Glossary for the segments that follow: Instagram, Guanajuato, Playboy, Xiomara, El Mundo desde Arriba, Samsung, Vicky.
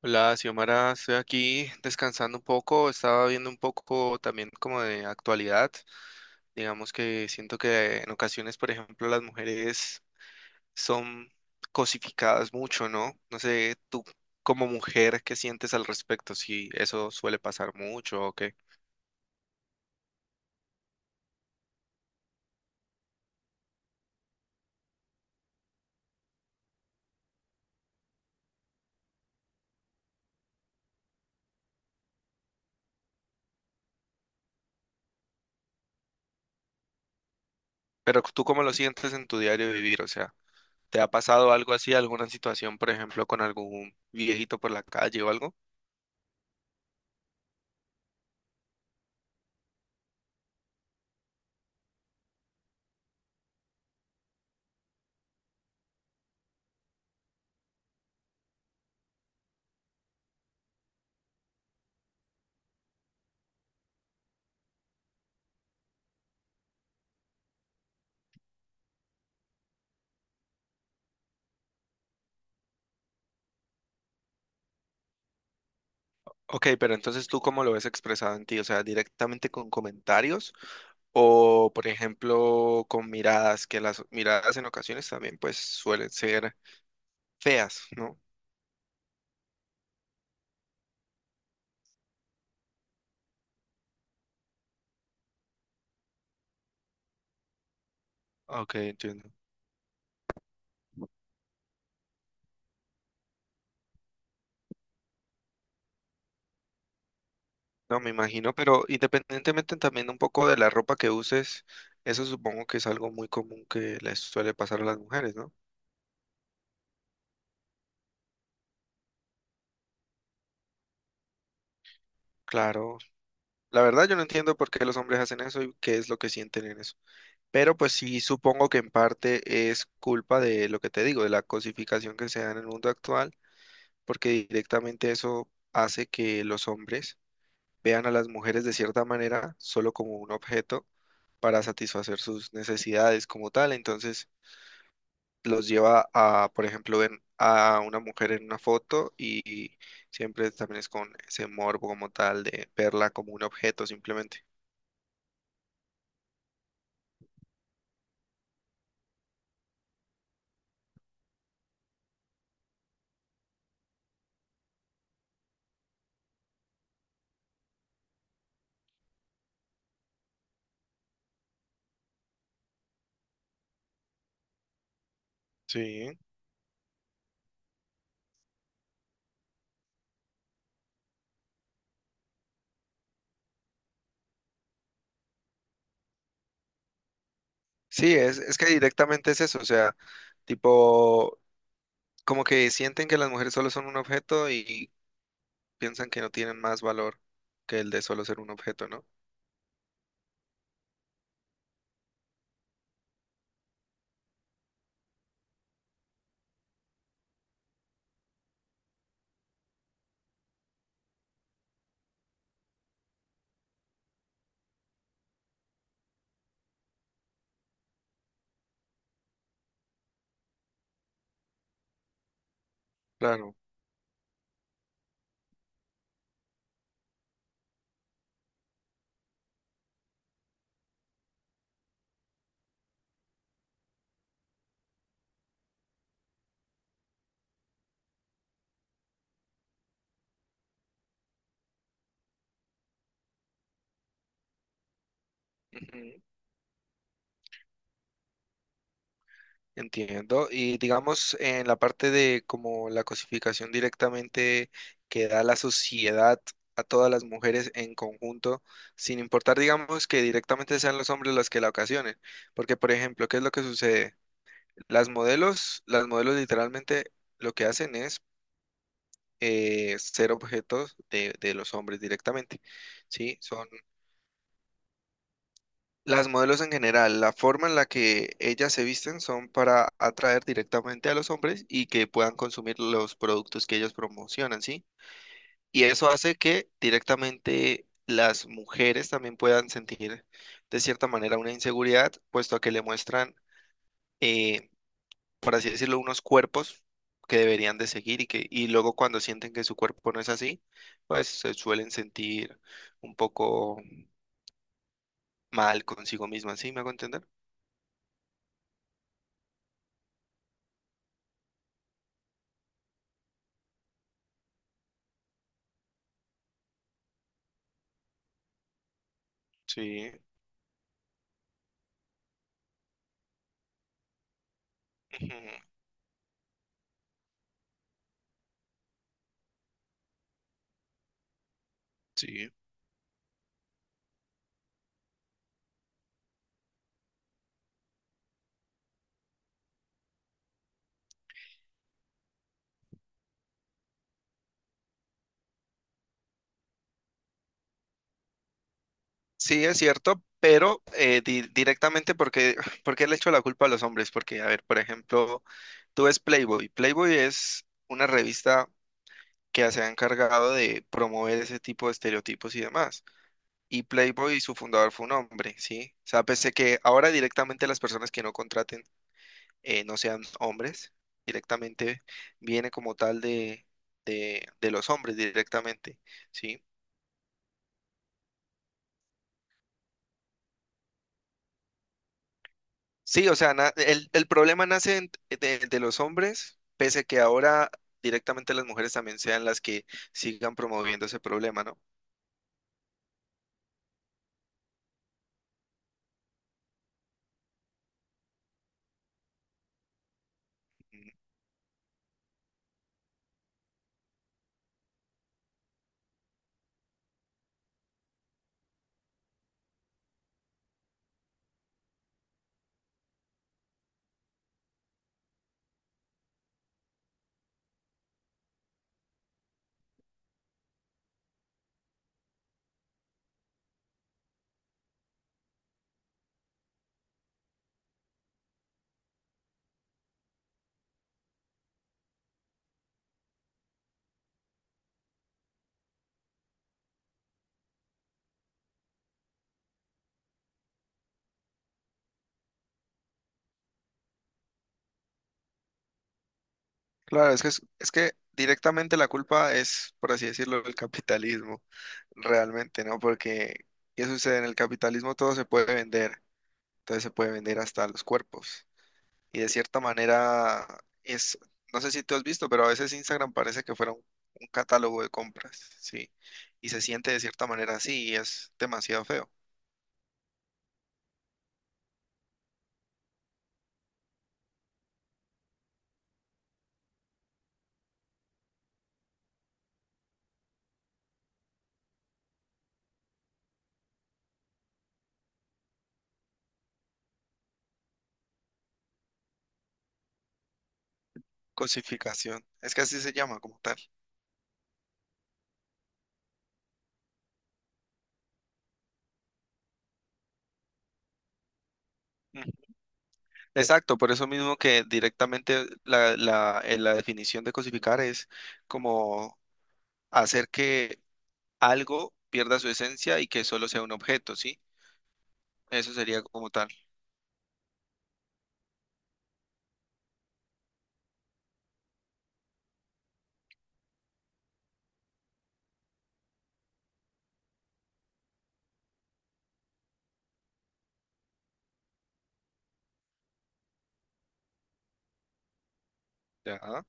Hola, Xiomara, estoy aquí descansando un poco, estaba viendo un poco también como de actualidad. Digamos que siento que en ocasiones, por ejemplo, las mujeres son cosificadas mucho, ¿no? No sé, tú como mujer, ¿qué sientes al respecto? Si eso suele pasar mucho o qué. Pero tú cómo lo sientes en tu diario vivir, o sea, ¿te ha pasado algo así, alguna situación, por ejemplo, con algún viejito por la calle o algo? Ok, pero entonces tú cómo lo ves expresado en ti, o sea, directamente con comentarios o, por ejemplo, con miradas, que las miradas en ocasiones también pues suelen ser feas, ¿no? Ok, entiendo. No, me imagino, pero independientemente también un poco de la ropa que uses, eso supongo que es algo muy común que les suele pasar a las mujeres, ¿no? Claro. La verdad yo no entiendo por qué los hombres hacen eso y qué es lo que sienten en eso. Pero pues sí supongo que en parte es culpa de lo que te digo, de la cosificación que se da en el mundo actual, porque directamente eso hace que los hombres vean a las mujeres de cierta manera solo como un objeto para satisfacer sus necesidades como tal. Entonces los lleva a, por ejemplo, ven a una mujer en una foto y siempre también es con ese morbo como tal de verla como un objeto simplemente. Sí. Sí, es que directamente es eso, o sea, tipo como que sienten que las mujeres solo son un objeto y piensan que no tienen más valor que el de solo ser un objeto, ¿no? Claro. Ujú, entiendo. Y digamos, en la parte de como la cosificación directamente que da la sociedad a todas las mujeres en conjunto, sin importar, digamos, que directamente sean los hombres los que la ocasionen. Porque, por ejemplo, ¿qué es lo que sucede? Las modelos literalmente lo que hacen es ser objetos de los hombres directamente, ¿sí? Son las modelos en general, la forma en la que ellas se visten son para atraer directamente a los hombres y que puedan consumir los productos que ellos promocionan, ¿sí? Y eso hace que directamente las mujeres también puedan sentir de cierta manera una inseguridad, puesto a que le muestran... eh, por así decirlo, unos cuerpos que deberían de seguir y que, y luego cuando sienten que su cuerpo no es así, pues se suelen sentir un poco mal consigo misma, ¿sí? ¿Me hago entender? Sí, ujú, sí. Sí, es cierto, pero directamente porque, porque le echo la culpa a los hombres, porque, a ver, por ejemplo, tú ves Playboy. Playboy es una revista que se ha encargado de promover ese tipo de estereotipos y demás. Y Playboy, su fundador fue un hombre, ¿sí? O sea, pese que ahora directamente las personas que no contraten no sean hombres, directamente viene como tal de los hombres directamente, ¿sí? Sí, o sea, el problema nace de los hombres, pese que ahora directamente las mujeres también sean las que sigan promoviendo ese problema, ¿no? Claro, es que directamente la culpa es, por así decirlo, el capitalismo, realmente, ¿no? Porque, ¿qué sucede? En el capitalismo todo se puede vender, entonces se puede vender hasta los cuerpos. Y de cierta manera es, no sé si tú has visto, pero a veces Instagram parece que fuera un catálogo de compras, ¿sí? Y se siente de cierta manera así y es demasiado feo. Cosificación, es que así se llama como tal. Exacto, por eso mismo que directamente la definición de cosificar es como hacer que algo pierda su esencia y que solo sea un objeto, ¿sí? Eso sería como tal. Ya.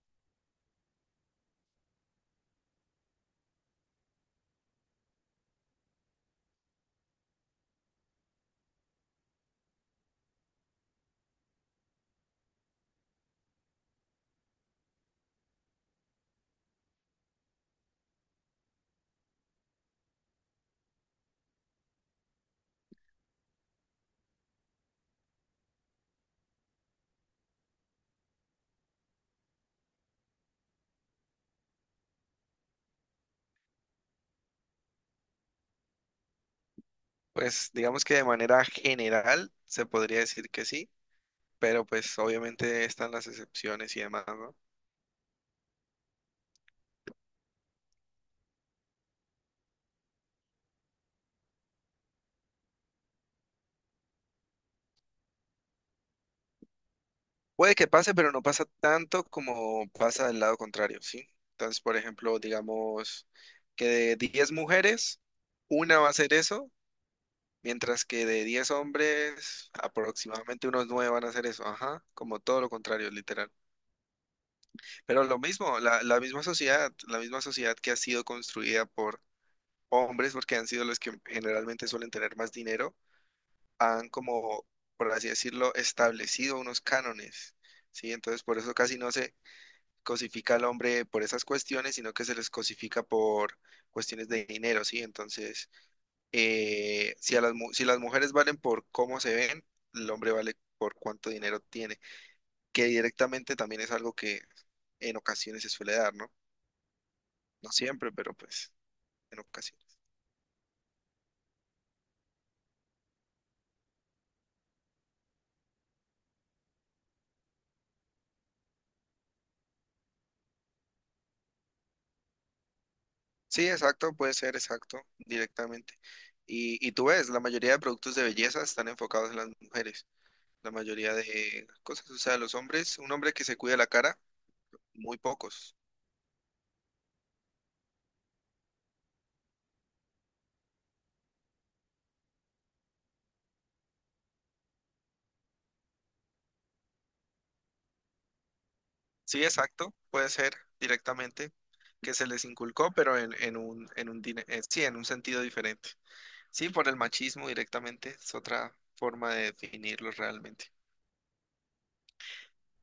Pues digamos que de manera general se podría decir que sí, pero pues obviamente están las excepciones y demás, ¿no? Puede que pase, pero no pasa tanto como pasa del lado contrario, ¿sí? Entonces, por ejemplo, digamos que de 10 mujeres, una va a hacer eso. Mientras que de 10 hombres, aproximadamente unos 9 van a hacer eso. Ajá, como todo lo contrario, literal. Pero lo mismo, la misma sociedad, la misma sociedad que ha sido construida por hombres, porque han sido los que generalmente suelen tener más dinero, han como, por así decirlo, establecido unos cánones, ¿sí? Entonces, por eso casi no se cosifica al hombre por esas cuestiones, sino que se les cosifica por cuestiones de dinero, ¿sí? Entonces... si, si las mujeres valen por cómo se ven, el hombre vale por cuánto dinero tiene, que directamente también es algo que en ocasiones se suele dar, ¿no? No siempre, pero pues en ocasiones. Sí, exacto, puede ser exacto, directamente. Y tú ves, la mayoría de productos de belleza están enfocados en las mujeres, la mayoría de cosas, o sea, los hombres, un hombre que se cuida la cara, muy pocos. Sí, exacto, puede ser directamente que se les inculcó, pero sí, en un sentido diferente. Sí, por el machismo directamente, es otra forma de definirlo realmente.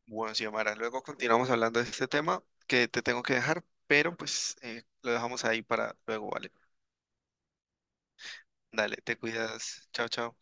Bueno, Xiomara, luego continuamos hablando de este tema que te tengo que dejar, pero pues lo dejamos ahí para luego, ¿vale? Dale, te cuidas, chao, chao.